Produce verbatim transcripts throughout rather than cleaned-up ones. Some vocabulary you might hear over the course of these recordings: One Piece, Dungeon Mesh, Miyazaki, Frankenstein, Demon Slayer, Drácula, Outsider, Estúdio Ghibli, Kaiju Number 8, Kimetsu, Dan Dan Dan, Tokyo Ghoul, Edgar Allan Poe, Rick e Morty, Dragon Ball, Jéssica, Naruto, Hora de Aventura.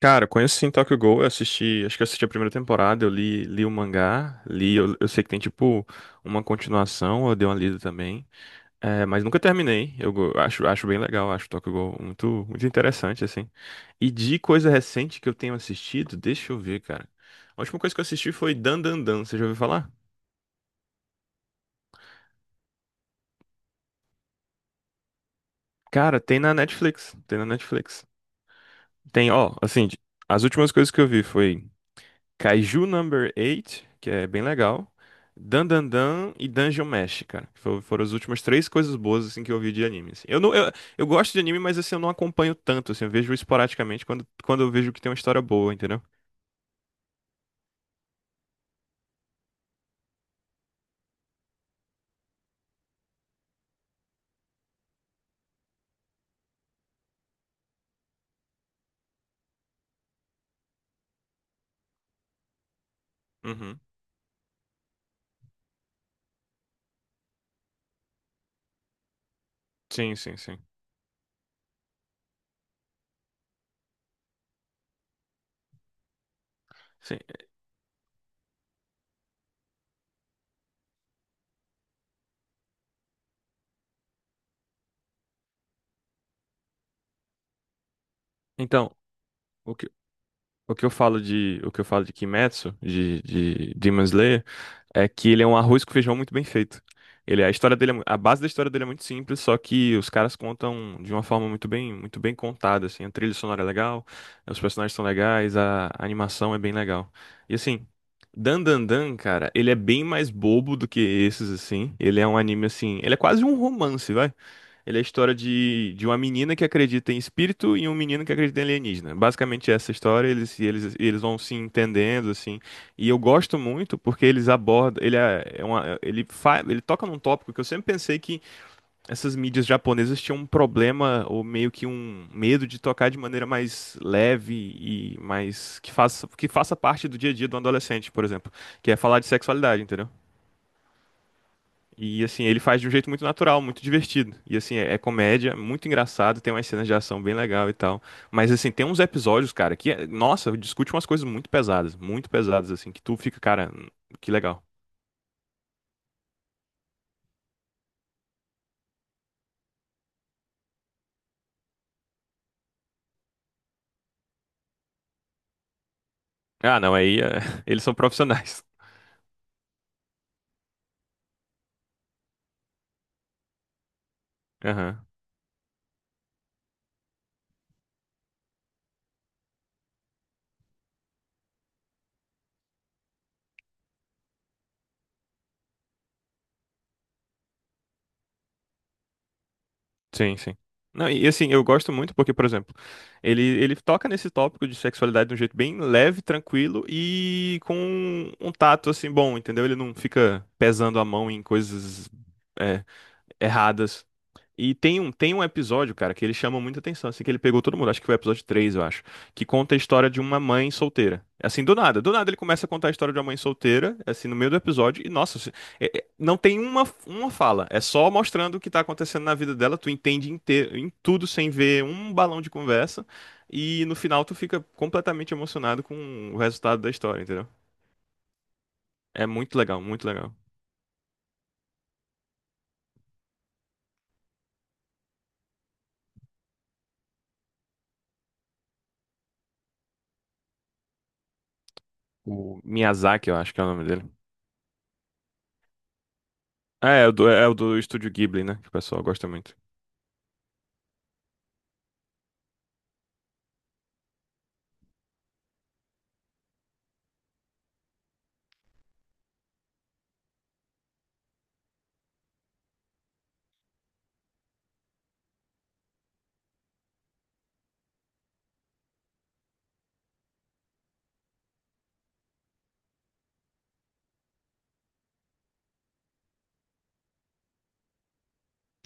Cara, eu conheço sim Tokyo Ghoul, eu assisti, acho que eu assisti a primeira temporada, eu li, li o mangá, li, eu, eu sei que tem tipo uma continuação, eu dei uma lida também, é, mas nunca terminei, eu go- acho, acho bem legal, acho Tokyo Ghoul muito, muito interessante, assim. E de coisa recente que eu tenho assistido, deixa eu ver, cara, a última coisa que eu assisti foi Dan Dan Dan, você já ouviu falar? Cara, tem na Netflix, tem na Netflix. Tem, ó, assim, de- as últimas coisas que eu vi foi Kaiju Number eight, que é bem legal. Dan Dan Dan e Dungeon Mesh, cara. que fo- Foram as últimas três coisas boas assim que eu vi de anime, assim. Eu não, eu, eu gosto de anime, mas assim eu não acompanho tanto, assim, eu vejo esporadicamente quando, quando eu vejo que tem uma história boa, entendeu? Uhum. Sim, sim, sim. Sim. Então, o que, o que eu falo de, o que eu falo de Kimetsu, de, de Demon Slayer, é que ele é um arroz com feijão muito bem feito. Ele, a história dele, é mu- a base da história dele é muito simples, só que os caras contam de uma forma muito bem, muito bem contada, assim. A trilha sonora é legal, os personagens são legais, a, a animação é bem legal. E assim, Dan Dan Dan, cara, ele é bem mais bobo do que esses, assim. Ele é um anime, assim, ele é quase um romance, vai. Ele é a história de, de uma menina que acredita em espírito e um menino que acredita em alienígena. Basicamente essa história, eles, e eles, e eles vão se entendendo, assim. E eu gosto muito porque eles abordam, ele é é uma, ele fa, ele toca num tópico que eu sempre pensei que essas mídias japonesas tinham um problema ou meio que um medo de tocar de maneira mais leve e mais que faça, que faça, parte do dia a dia do adolescente, por exemplo, que é falar de sexualidade, entendeu? E assim, ele faz de um jeito muito natural, muito divertido. E assim, é, é comédia, muito engraçado, tem umas cenas de ação bem legal e tal. Mas assim, tem uns episódios, cara, que, é- nossa, discute umas coisas muito pesadas, muito pesadas, assim, que tu fica, cara, hum, que legal. Ah, não, aí é, eles são profissionais. Aham. Sim, sim. Não, e assim, eu gosto muito porque, por exemplo, ele, ele toca nesse tópico de sexualidade de um jeito bem leve, tranquilo e com um tato, assim, bom, entendeu? Ele não fica pesando a mão em coisas. É, erradas. E tem um, tem um episódio, cara, que ele chama muita atenção, assim, que ele pegou todo mundo, acho que foi o episódio três eu acho, que conta a história de uma mãe solteira. Assim, do nada, do nada ele começa a contar a história de uma mãe solteira, assim, no meio do episódio, e nossa, se- é- é- não tem uma, uma fala, é só mostrando o que tá acontecendo na vida dela, tu entende inteiro, em tudo sem ver um balão de conversa, e no final tu fica completamente emocionado com o resultado da história, entendeu? É muito legal, muito legal. O Miyazaki, eu acho que é o nome dele. É, é o do, é é o do Estúdio Ghibli, né? Que o pessoal gosta muito.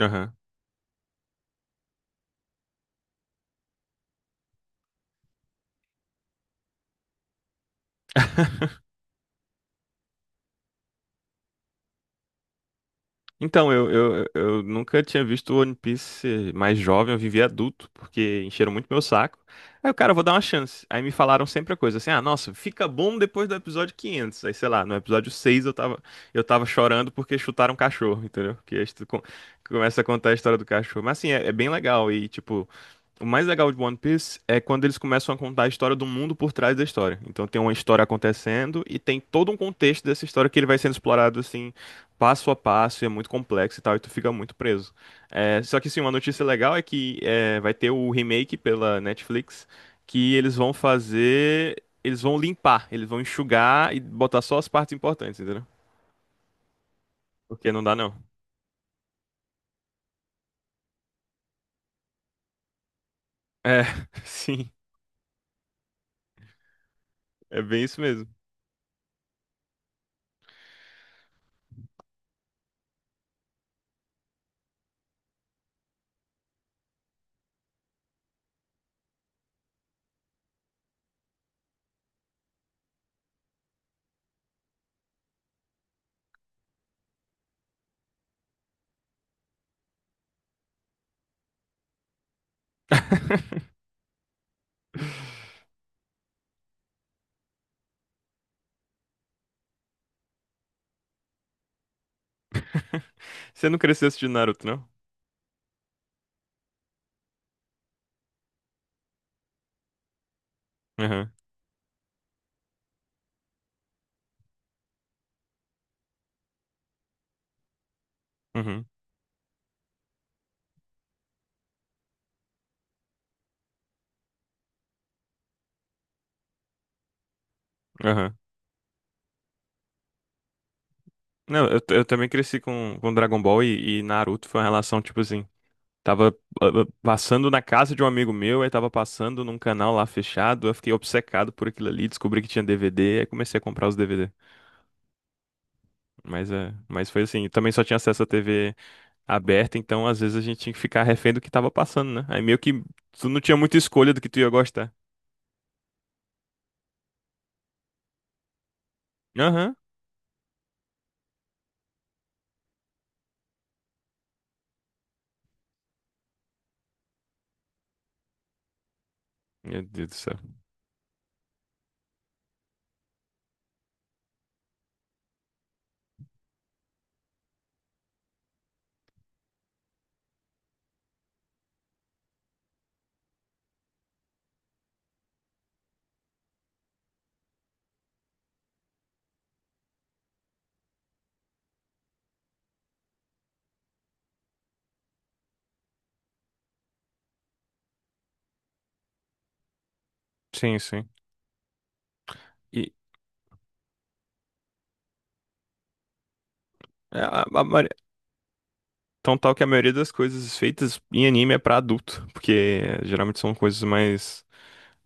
Aham. Então, eu, eu, eu nunca tinha visto One Piece mais jovem, eu vivi adulto, porque encheram muito meu saco. Aí o cara, eu vou dar uma chance. Aí me falaram sempre a coisa assim: ah, nossa, fica bom depois do episódio quinhentos. Aí sei lá, no episódio seis eu tava, eu tava chorando porque chutaram um cachorro, entendeu? Porque aí tu com- começa a contar a história do cachorro. Mas assim, é, é bem legal. E tipo, o mais legal de One Piece é quando eles começam a contar a história do mundo por trás da história. Então tem uma história acontecendo e tem todo um contexto dessa história que ele vai sendo explorado assim, passo a passo, e é muito complexo e tal, e tu fica muito preso. É, só que sim, uma notícia legal é que é, vai ter o remake pela Netflix, que eles vão fazer. Eles vão limpar, eles vão enxugar e botar só as partes importantes, entendeu? Porque não dá não. É, sim, é bem isso mesmo. Você não cresceu assistindo Naruto, não? Aham. Uhum, aham. Não, eu, t- eu também cresci com, com, Dragon Ball e, e Naruto foi uma relação, tipo assim, tava ah, ah, passando na casa de um amigo meu, aí tava passando num canal lá fechado, eu fiquei obcecado por aquilo ali, descobri que tinha D V D, aí comecei a comprar os D V D. Mas, é, mas foi assim, também só tinha acesso à T V aberta, então às vezes a gente tinha que ficar refém do que tava passando, né? Aí meio que tu não tinha muita escolha do que tu ia gostar. Aham, Meu Deus do céu. Sim, sim. E... é, a- a Tão tal que a maioria das coisas feitas em anime é pra adulto, porque geralmente são coisas mais,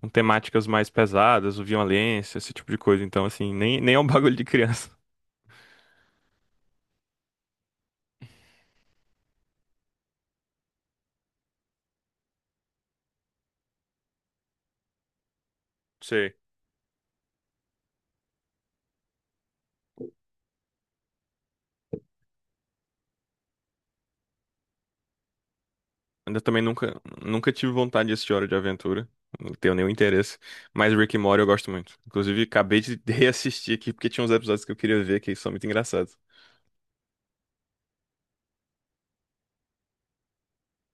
com temáticas mais pesadas, ou violência, esse tipo de coisa. Então, assim, nem, nem é um bagulho de criança. Sei. Ainda também nunca, nunca tive vontade de assistir Hora de Aventura. Não tenho nenhum interesse. Mas Rick e Morty eu gosto muito. Inclusive, acabei de reassistir aqui, porque tinha uns episódios que eu queria ver que são muito engraçados.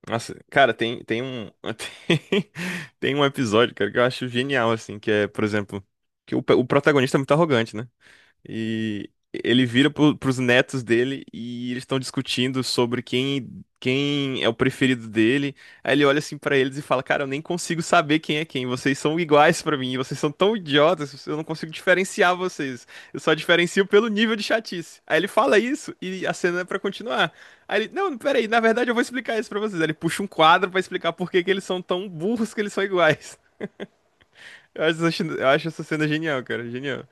Nossa, cara, tem, tem um. Tem, tem um episódio, cara, que eu acho genial, assim, que é, por exemplo, que o, pe- o protagonista é muito arrogante, né? E ele vira pro, pros netos dele e eles estão discutindo sobre quem, quem, é o preferido dele. Aí ele olha assim pra eles e fala: Cara, eu nem consigo saber quem é quem. Vocês são iguais pra mim. Vocês são tão idiotas. Eu não consigo diferenciar vocês. Eu só diferencio pelo nível de chatice. Aí ele fala isso e a cena é pra continuar. Aí ele: Não, peraí, na verdade eu vou explicar isso pra vocês. Aí ele puxa um quadro pra explicar por que que eles são tão burros que eles são iguais. Eu acho, essa- eu acho essa cena genial, cara. Genial.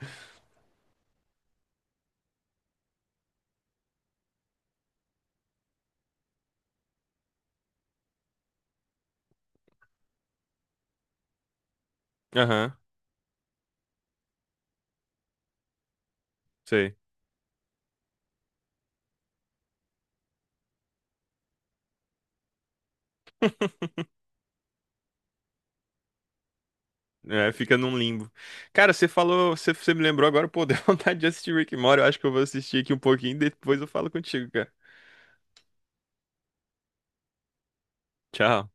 Aham, sei. É, fica num limbo. Cara, você falou, você, você me lembrou agora, pô, deu vontade de assistir Rick and Morty. Eu acho que eu vou assistir aqui um pouquinho, depois eu falo contigo, cara. Tchau.